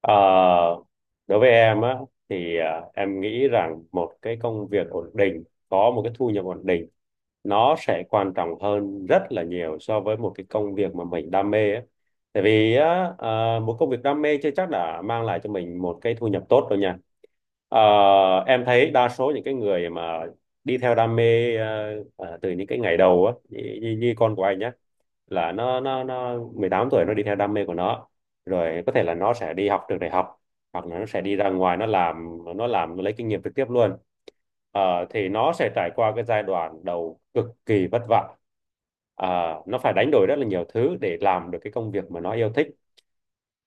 Ờ, Đối với em á thì em nghĩ rằng một cái công việc ổn định có một cái thu nhập ổn định nó sẽ quan trọng hơn rất là nhiều so với một cái công việc mà mình đam mê á. Tại vì á, một công việc đam mê chưa chắc đã mang lại cho mình một cái thu nhập tốt đâu nha. Ờ, em thấy đa số những cái người mà đi theo đam mê từ những cái ngày đầu á, như con của anh á, là nó 18 tuổi, nó đi theo đam mê của nó, rồi có thể là nó sẽ đi học trường đại học hoặc là nó sẽ đi ra ngoài, nó làm, nó lấy kinh nghiệm trực tiếp luôn. Thì nó sẽ trải qua cái giai đoạn đầu cực kỳ vất vả. Ờ, nó phải đánh đổi rất là nhiều thứ để làm được cái công việc mà nó yêu thích.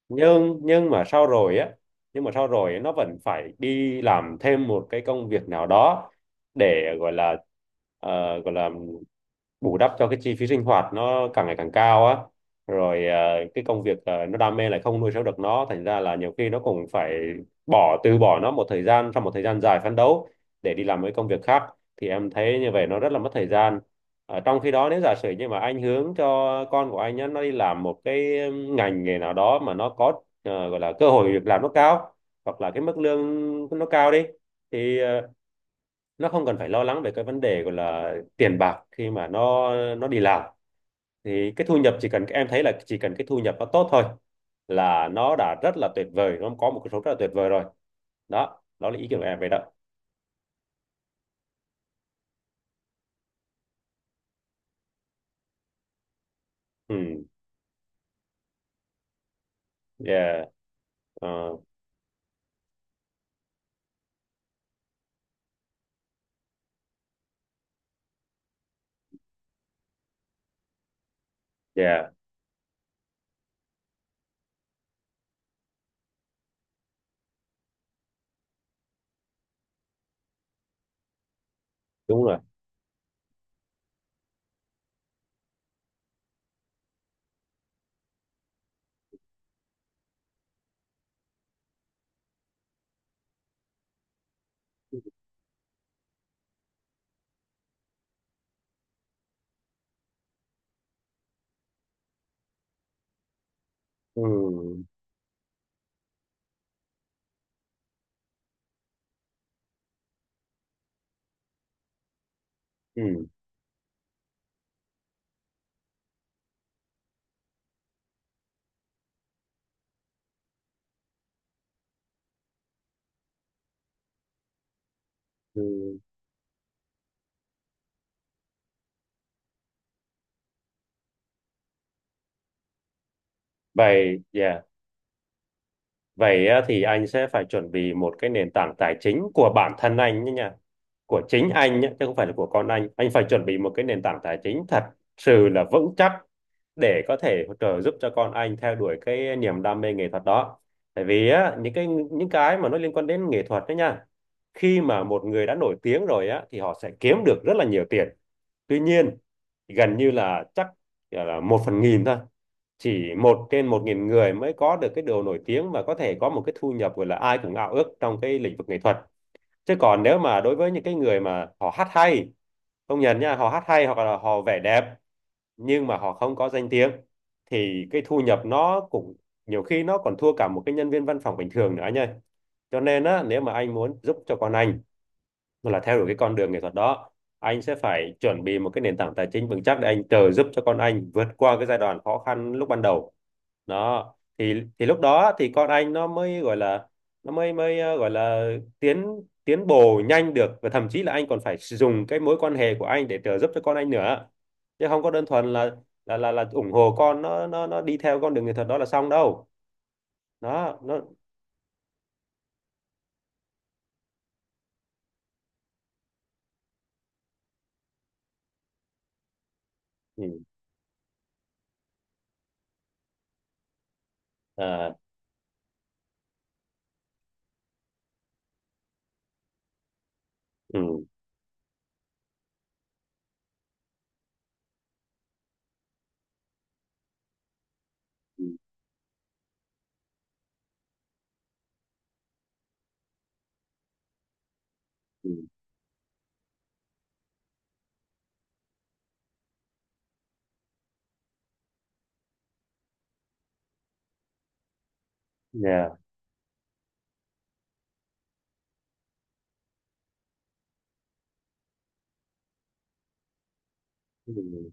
nhưng nhưng mà sau rồi á nhưng mà sau rồi nó vẫn phải đi làm thêm một cái công việc nào đó để gọi là bù đắp cho cái chi phí sinh hoạt nó càng ngày càng cao á. Rồi cái công việc nó đam mê lại không nuôi sống được nó, thành ra là nhiều khi nó cũng phải từ bỏ nó một thời gian, sau một thời gian dài phấn đấu để đi làm cái công việc khác. Thì em thấy như vậy nó rất là mất thời gian. Trong khi đó, nếu giả sử như mà anh hướng cho con của anh á, nó đi làm một cái ngành nghề nào đó mà nó có, gọi là cơ hội việc làm nó cao hoặc là cái mức lương nó cao đi, thì nó không cần phải lo lắng về cái vấn đề gọi là tiền bạc khi mà nó đi làm. Thì cái thu nhập, chỉ cần em thấy là chỉ cần cái thu nhập nó tốt thôi là nó đã rất là tuyệt vời, nó có một cái số rất là tuyệt vời rồi. Đó đó là ý kiến của em về đó. Ừ, yeah, ờ, yeah, đúng rồi, ừ, ừ, ừ. Vậy yeah. Vậy á, thì anh sẽ phải chuẩn bị một cái nền tảng tài chính của bản thân anh nhé nha. Của chính anh nhé, chứ không phải là của con anh. Anh phải chuẩn bị một cái nền tảng tài chính thật sự là vững chắc để có thể trợ giúp cho con anh theo đuổi cái niềm đam mê nghệ thuật đó. Tại vì á, những cái mà nó liên quan đến nghệ thuật đó nha. Khi mà một người đã nổi tiếng rồi á, thì họ sẽ kiếm được rất là nhiều tiền. Tuy nhiên, gần như là chắc là 1/1000 thôi, chỉ 1/1000 người mới có được cái điều nổi tiếng và có thể có một cái thu nhập gọi là ai cũng ao ước trong cái lĩnh vực nghệ thuật. Chứ còn nếu mà đối với những cái người mà họ hát hay, công nhận nha, họ hát hay hoặc là họ vẽ đẹp, nhưng mà họ không có danh tiếng, thì cái thu nhập nó cũng nhiều khi nó còn thua cả một cái nhân viên văn phòng bình thường nữa nha. Cho nên á, nếu mà anh muốn giúp cho con anh mà là theo đuổi cái con đường nghệ thuật đó, anh sẽ phải chuẩn bị một cái nền tảng tài chính vững chắc để anh trợ giúp cho con anh vượt qua cái giai đoạn khó khăn lúc ban đầu. Đó thì lúc đó thì con anh nó mới gọi là, nó mới mới ờ, gọi là tiến tiến bộ nhanh được, và thậm chí là anh còn phải sử dụng cái mối quan hệ của anh để trợ giúp cho con anh nữa, chứ không có đơn thuần là là ủng hộ con, nó đi theo con đường nghệ thuật đó là xong đâu. Đó nó. Ừ. À, ừ, ừ, ừ, yeah. Ừ.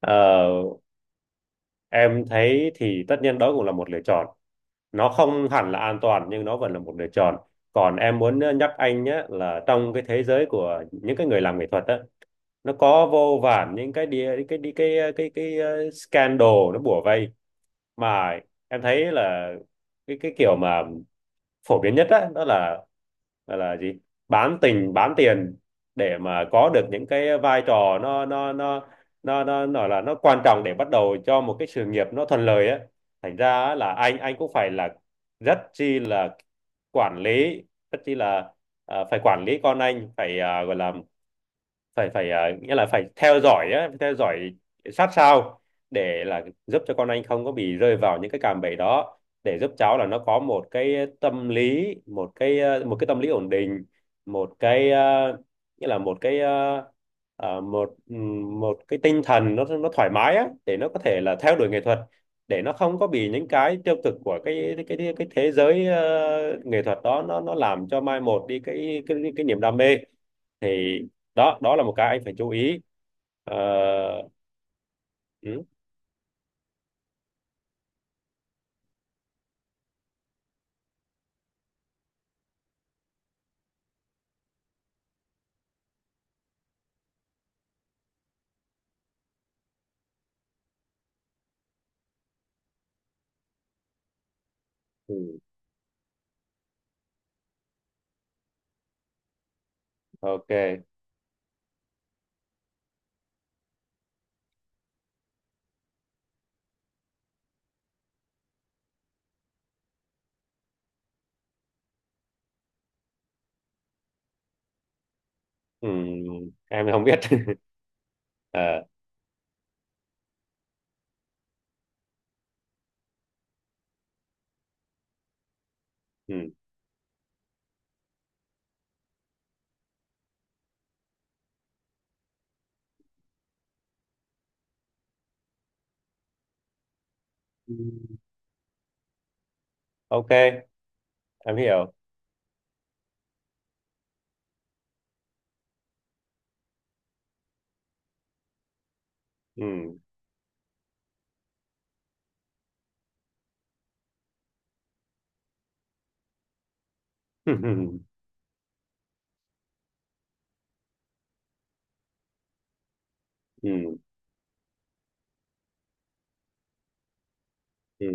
Ờ, Em thấy thì tất nhiên đó cũng là một lựa chọn. Nó không hẳn là an toàn nhưng nó vẫn là một lựa chọn. Còn em muốn nhắc anh nhé, là trong cái thế giới của những cái người làm nghệ thuật á, nó có vô vàn những cái đi cái đi cái, scandal nó bủa vây. Mà em thấy là cái kiểu mà phổ biến nhất á, đó là gì bán tình bán tiền để mà có được những cái vai trò, nó nói là nó quan trọng để bắt đầu cho một cái sự nghiệp nó thuận lợi á. Thành ra á, là anh cũng phải là rất chi là quản lý, rất chi là, phải quản lý con anh, phải gọi là phải phải à, nghĩa là phải theo dõi á, theo dõi sát sao để là giúp cho con anh không có bị rơi vào những cái cạm bẫy đó. Để giúp cháu là nó có một cái tâm lý, một cái một cái tâm lý ổn định, một cái nghĩa là một cái một một cái tinh thần nó thoải mái á, để nó có thể là theo đuổi nghệ thuật, để nó không có bị những cái tiêu cực của cái thế giới nghệ thuật đó nó làm cho mai một đi cái niềm đam mê. Thì đó, đó là một cái anh phải chú ý. Ờ, ừ, ừ, ok, ừ, em không biết. Ờ, ừ. Ok. Em hiểu. Ừ. Ừ. Ừ.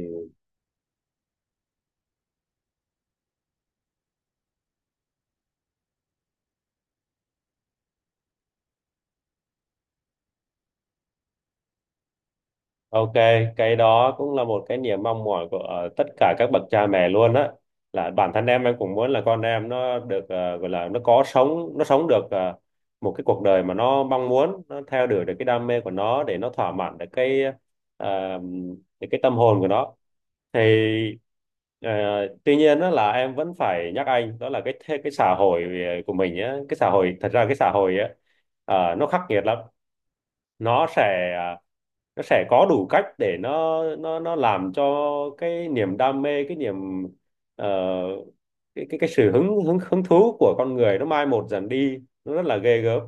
Ok, cái đó cũng là một cái niềm mong mỏi của tất cả các bậc cha mẹ luôn á. Là bản thân em cũng muốn là con em nó được, gọi là nó có sống, nó sống được một cái cuộc đời mà nó mong muốn, nó theo đuổi được cái đam mê của nó, để nó thỏa mãn được cái ờ, được cái tâm hồn của nó. Thì ờ, tuy nhiên đó, là em vẫn phải nhắc anh, đó là cái xã hội của mình á, cái xã hội, thật ra cái xã hội á, nó khắc nghiệt lắm. Nó sẽ, nó sẽ có đủ cách để nó làm cho cái niềm đam mê, cái niềm ờ, cái cái sự hứng hứng hứng thú của con người nó mai một dần đi, nó rất là ghê gớm.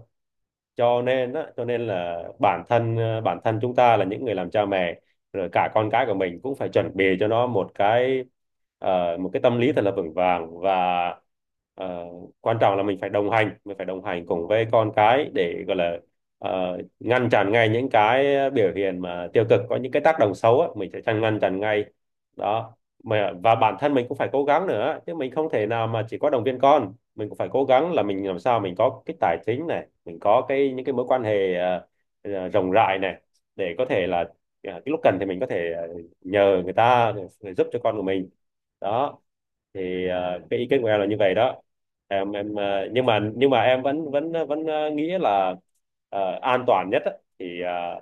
Cho nên á, cho nên là bản thân, bản thân chúng ta là những người làm cha mẹ, rồi cả con cái của mình cũng phải chuẩn bị cho nó một cái, một cái tâm lý thật là vững vàng. Và ờ, quan trọng là mình phải đồng hành, mình phải đồng hành cùng với con cái để gọi là, ngăn chặn ngay những cái biểu hiện mà tiêu cực có những cái tác động xấu á, mình sẽ chặn, ngăn chặn ngay. Đó. Mà và bản thân mình cũng phải cố gắng nữa, chứ mình không thể nào mà chỉ có động viên con, mình cũng phải cố gắng là mình làm sao mình có cái tài chính này, mình có cái những cái mối quan hệ rộng rãi này, để có thể là, cái lúc cần thì mình có thể nhờ người ta để giúp cho con của mình. Đó. Thì cái ý kiến của em là như vậy đó. Em, em nhưng mà, nhưng mà em vẫn, vẫn nghĩ là an toàn nhất á, thì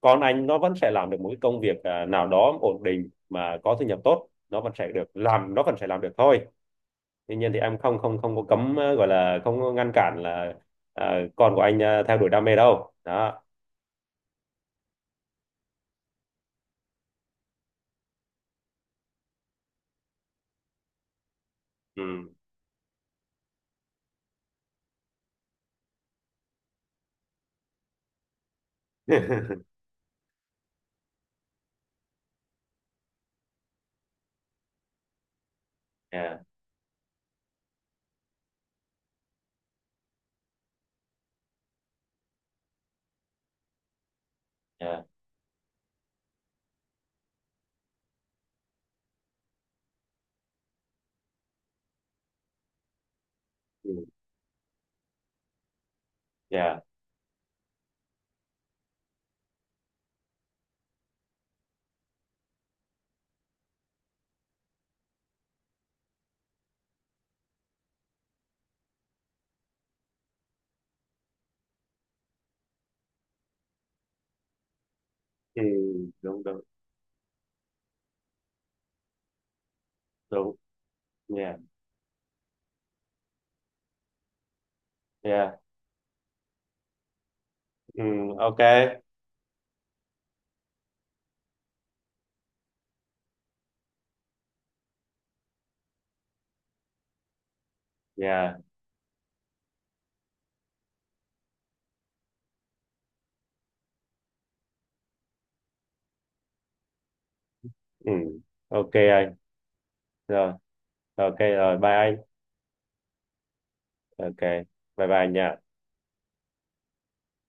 con anh nó vẫn sẽ làm được một cái công việc nào đó ổn định mà có thu nhập tốt, nó vẫn sẽ được làm, nó vẫn sẽ làm được thôi. Tuy nhiên thì em không không không có cấm, gọi là không có ngăn cản là ờ, con của anh theo đuổi đam mê đâu đó. Ừ. Yeah. Yeah. Ừ, yeah. Ừ, đúng, đúng, đúng. Yeah. Yeah. Ừ, ok. Yeah. Ừ. Ok anh. Rồi. Ok rồi, bye anh. Ok. Bye bye anh nha.